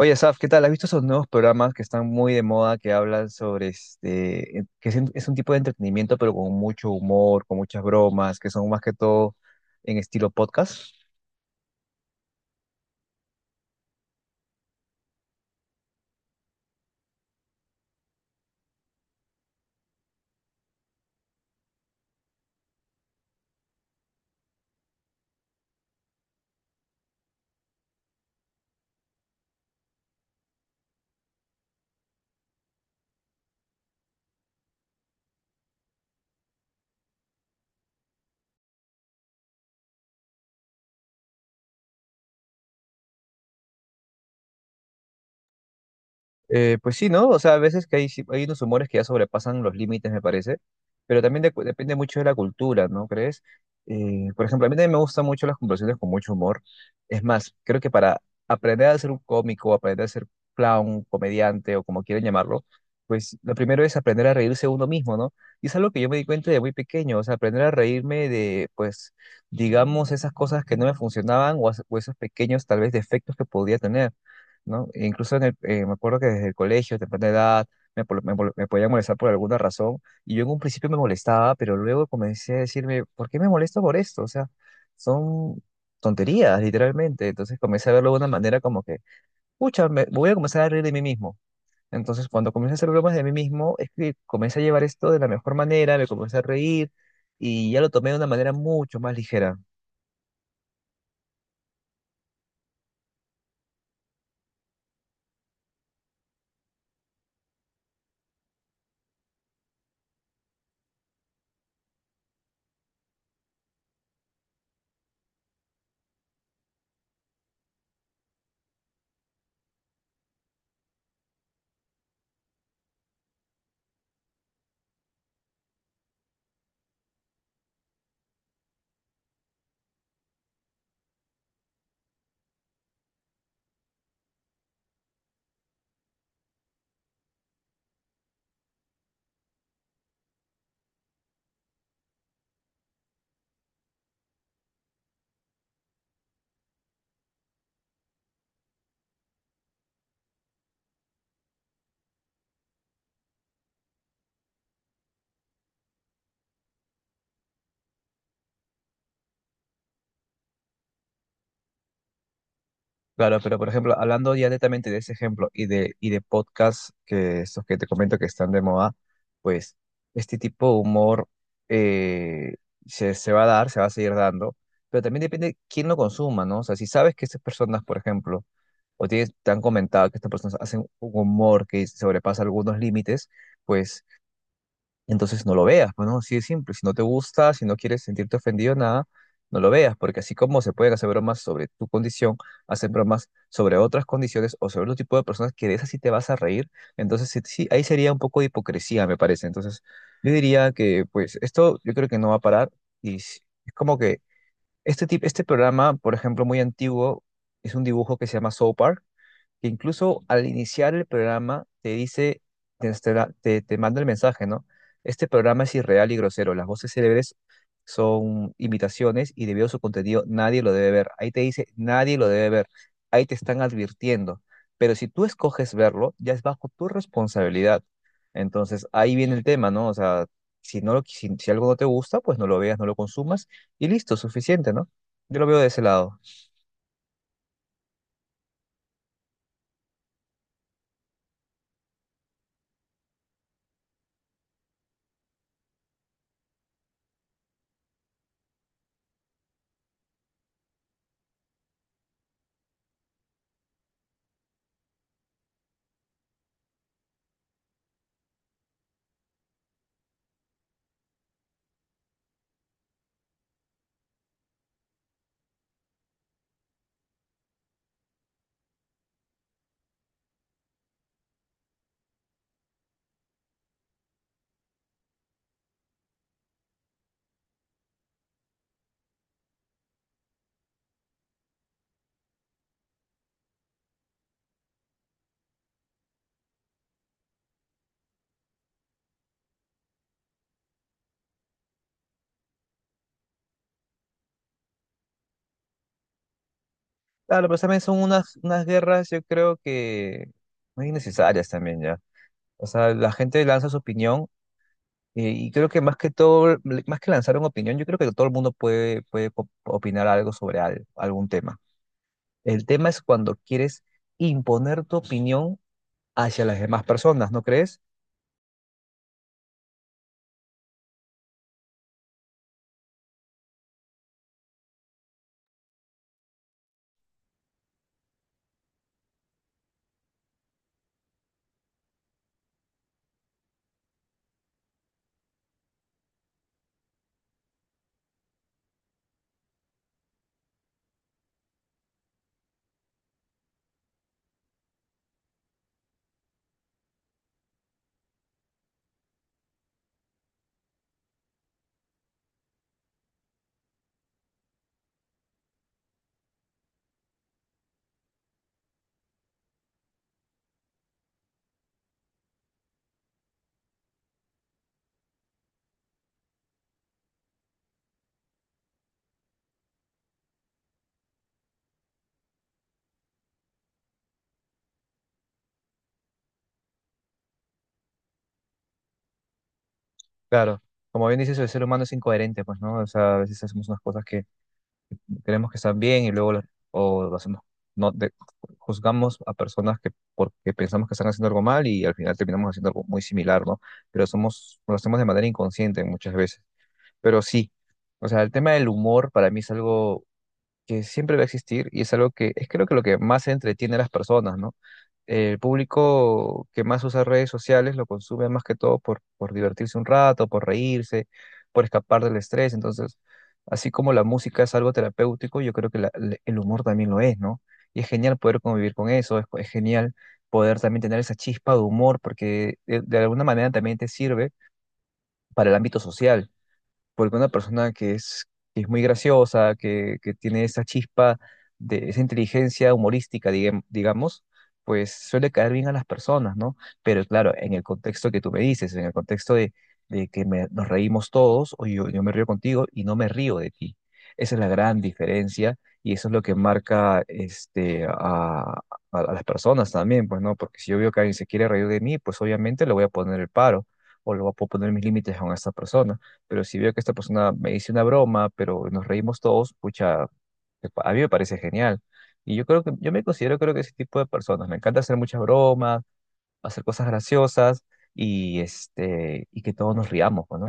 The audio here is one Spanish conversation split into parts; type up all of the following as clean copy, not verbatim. Oye, Saf, ¿qué tal? ¿Has visto esos nuevos programas que están muy de moda, que hablan sobre que es un tipo de entretenimiento, pero con mucho humor, con muchas bromas, que son más que todo en estilo podcast? Pues sí, ¿no? O sea, a veces que hay unos humores que ya sobrepasan los límites, me parece, pero también depende mucho de la cultura, ¿no crees? Por ejemplo, a mí también me gustan mucho las conversaciones con mucho humor. Es más, creo que para aprender a ser un cómico, aprender a ser clown, comediante o como quieran llamarlo, pues lo primero es aprender a reírse uno mismo, ¿no? Y es algo que yo me di cuenta de muy pequeño, o sea, aprender a reírme de, pues, digamos, esas cosas que no me funcionaban o esos pequeños, tal vez, defectos que podía tener. ¿No? E incluso en me acuerdo que desde el colegio, temprana edad, me podía molestar por alguna razón y yo en un principio me molestaba, pero luego comencé a decirme, ¿por qué me molesto por esto? O sea, son tonterías, literalmente. Entonces comencé a verlo de una manera como que, pucha, me voy a comenzar a reír de mí mismo. Entonces cuando comencé a hacer bromas de mí mismo, es que comencé a llevar esto de la mejor manera, me comencé a reír y ya lo tomé de una manera mucho más ligera. Claro, pero por ejemplo, hablando ya netamente de ese ejemplo y de podcasts que estos que te comento que están de moda, pues este tipo de humor, eh, se va a dar, se va a seguir dando, pero también depende quién lo consuma, ¿no? O sea, si sabes que estas personas, por ejemplo, te han comentado que estas personas hacen un humor que sobrepasa algunos límites, pues entonces no lo veas, pues, ¿no? Así de simple. Si no te gusta, si no quieres sentirte ofendido, nada, no lo veas, porque así como se pueden hacer bromas sobre tu condición, hacen bromas sobre otras condiciones o sobre otro tipo de personas que de esas sí te vas a reír. Entonces sí, sí, ahí sería un poco de hipocresía, me parece. Entonces yo diría que, pues, esto yo creo que no va a parar y s- es como que este tipo, este programa, por ejemplo, muy antiguo, es un dibujo que se llama South Park, que incluso al iniciar el programa te dice, te, te manda el mensaje, ¿no? Este programa es irreal y grosero, las voces célebres son imitaciones y debido a su contenido nadie lo debe ver. Ahí te dice, nadie lo debe ver, ahí te están advirtiendo, pero si tú escoges verlo, ya es bajo tu responsabilidad. Entonces ahí viene el tema, ¿no? O sea, si algo no te gusta, pues no lo veas, no lo consumas y listo, suficiente, ¿no? Yo lo veo de ese lado. Claro, pero también son unas guerras, yo creo que muy innecesarias también ya. O sea, la gente lanza su opinión, y creo que más que todo, más que lanzar una opinión, yo creo que todo el mundo puede opinar algo sobre algún tema. El tema es cuando quieres imponer tu opinión hacia las demás personas, ¿no crees? Claro, como bien dices, el ser humano es incoherente, pues, ¿no? O sea, a veces hacemos unas cosas que queremos que están bien y luego la- o lo hacemos, no, de- juzgamos a personas que porque pensamos que están haciendo algo mal y al final terminamos haciendo algo muy similar, ¿no? Pero somos, lo hacemos de manera inconsciente muchas veces. Pero sí, o sea, el tema del humor para mí es algo que siempre va a existir y es algo que es, creo que lo que más entretiene a las personas, ¿no? El público que más usa redes sociales lo consume más que todo por divertirse un rato, por reírse, por escapar del estrés. Entonces, así como la música es algo terapéutico, yo creo que el humor también lo es, ¿no? Y es genial poder convivir con eso, es genial poder también tener esa chispa de humor, porque de alguna manera también te sirve para el ámbito social, porque una persona que es muy graciosa, que tiene esa chispa de esa inteligencia humorística, digamos, pues suele caer bien a las personas, ¿no? Pero claro, en el contexto que tú me dices, en el contexto de, nos reímos todos, yo me río contigo y no me río de ti. Esa es la gran diferencia y eso es lo que marca a las personas también, pues, ¿no? Porque si yo veo que alguien se quiere reír de mí, pues obviamente le voy a poner el paro o le voy a poner mis límites a esa persona. Pero si veo que esta persona me dice una broma, pero nos reímos todos, pucha, a mí me parece genial. Y yo creo que, yo me considero creo que ese tipo de personas. Me encanta hacer muchas bromas, hacer cosas graciosas y que todos nos riamos, pues, ¿no?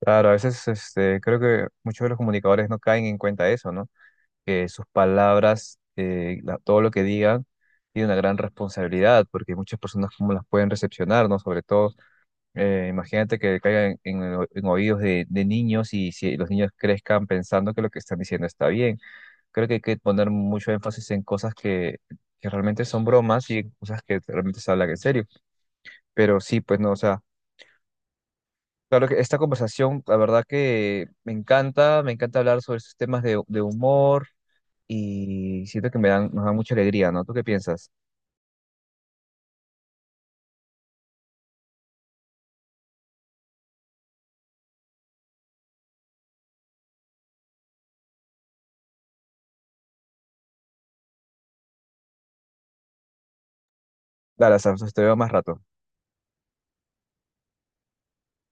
Claro, a veces creo que muchos de los comunicadores no caen en cuenta de eso, ¿no? Que sus palabras, todo lo que digan, tiene una gran responsabilidad, porque muchas personas cómo las pueden recepcionar, ¿no? Sobre todo, imagínate que caiga en oídos de niños, y si los niños crezcan pensando que lo que están diciendo está bien. Creo que hay que poner mucho énfasis en cosas que realmente son bromas y en cosas que realmente se hablan en serio. Pero sí, pues no, o sea, claro que esta conversación, la verdad que me encanta hablar sobre estos temas de humor y siento que me dan, nos dan mucha alegría, ¿no? ¿Tú qué piensas? Dale, Sam, te veo más rato.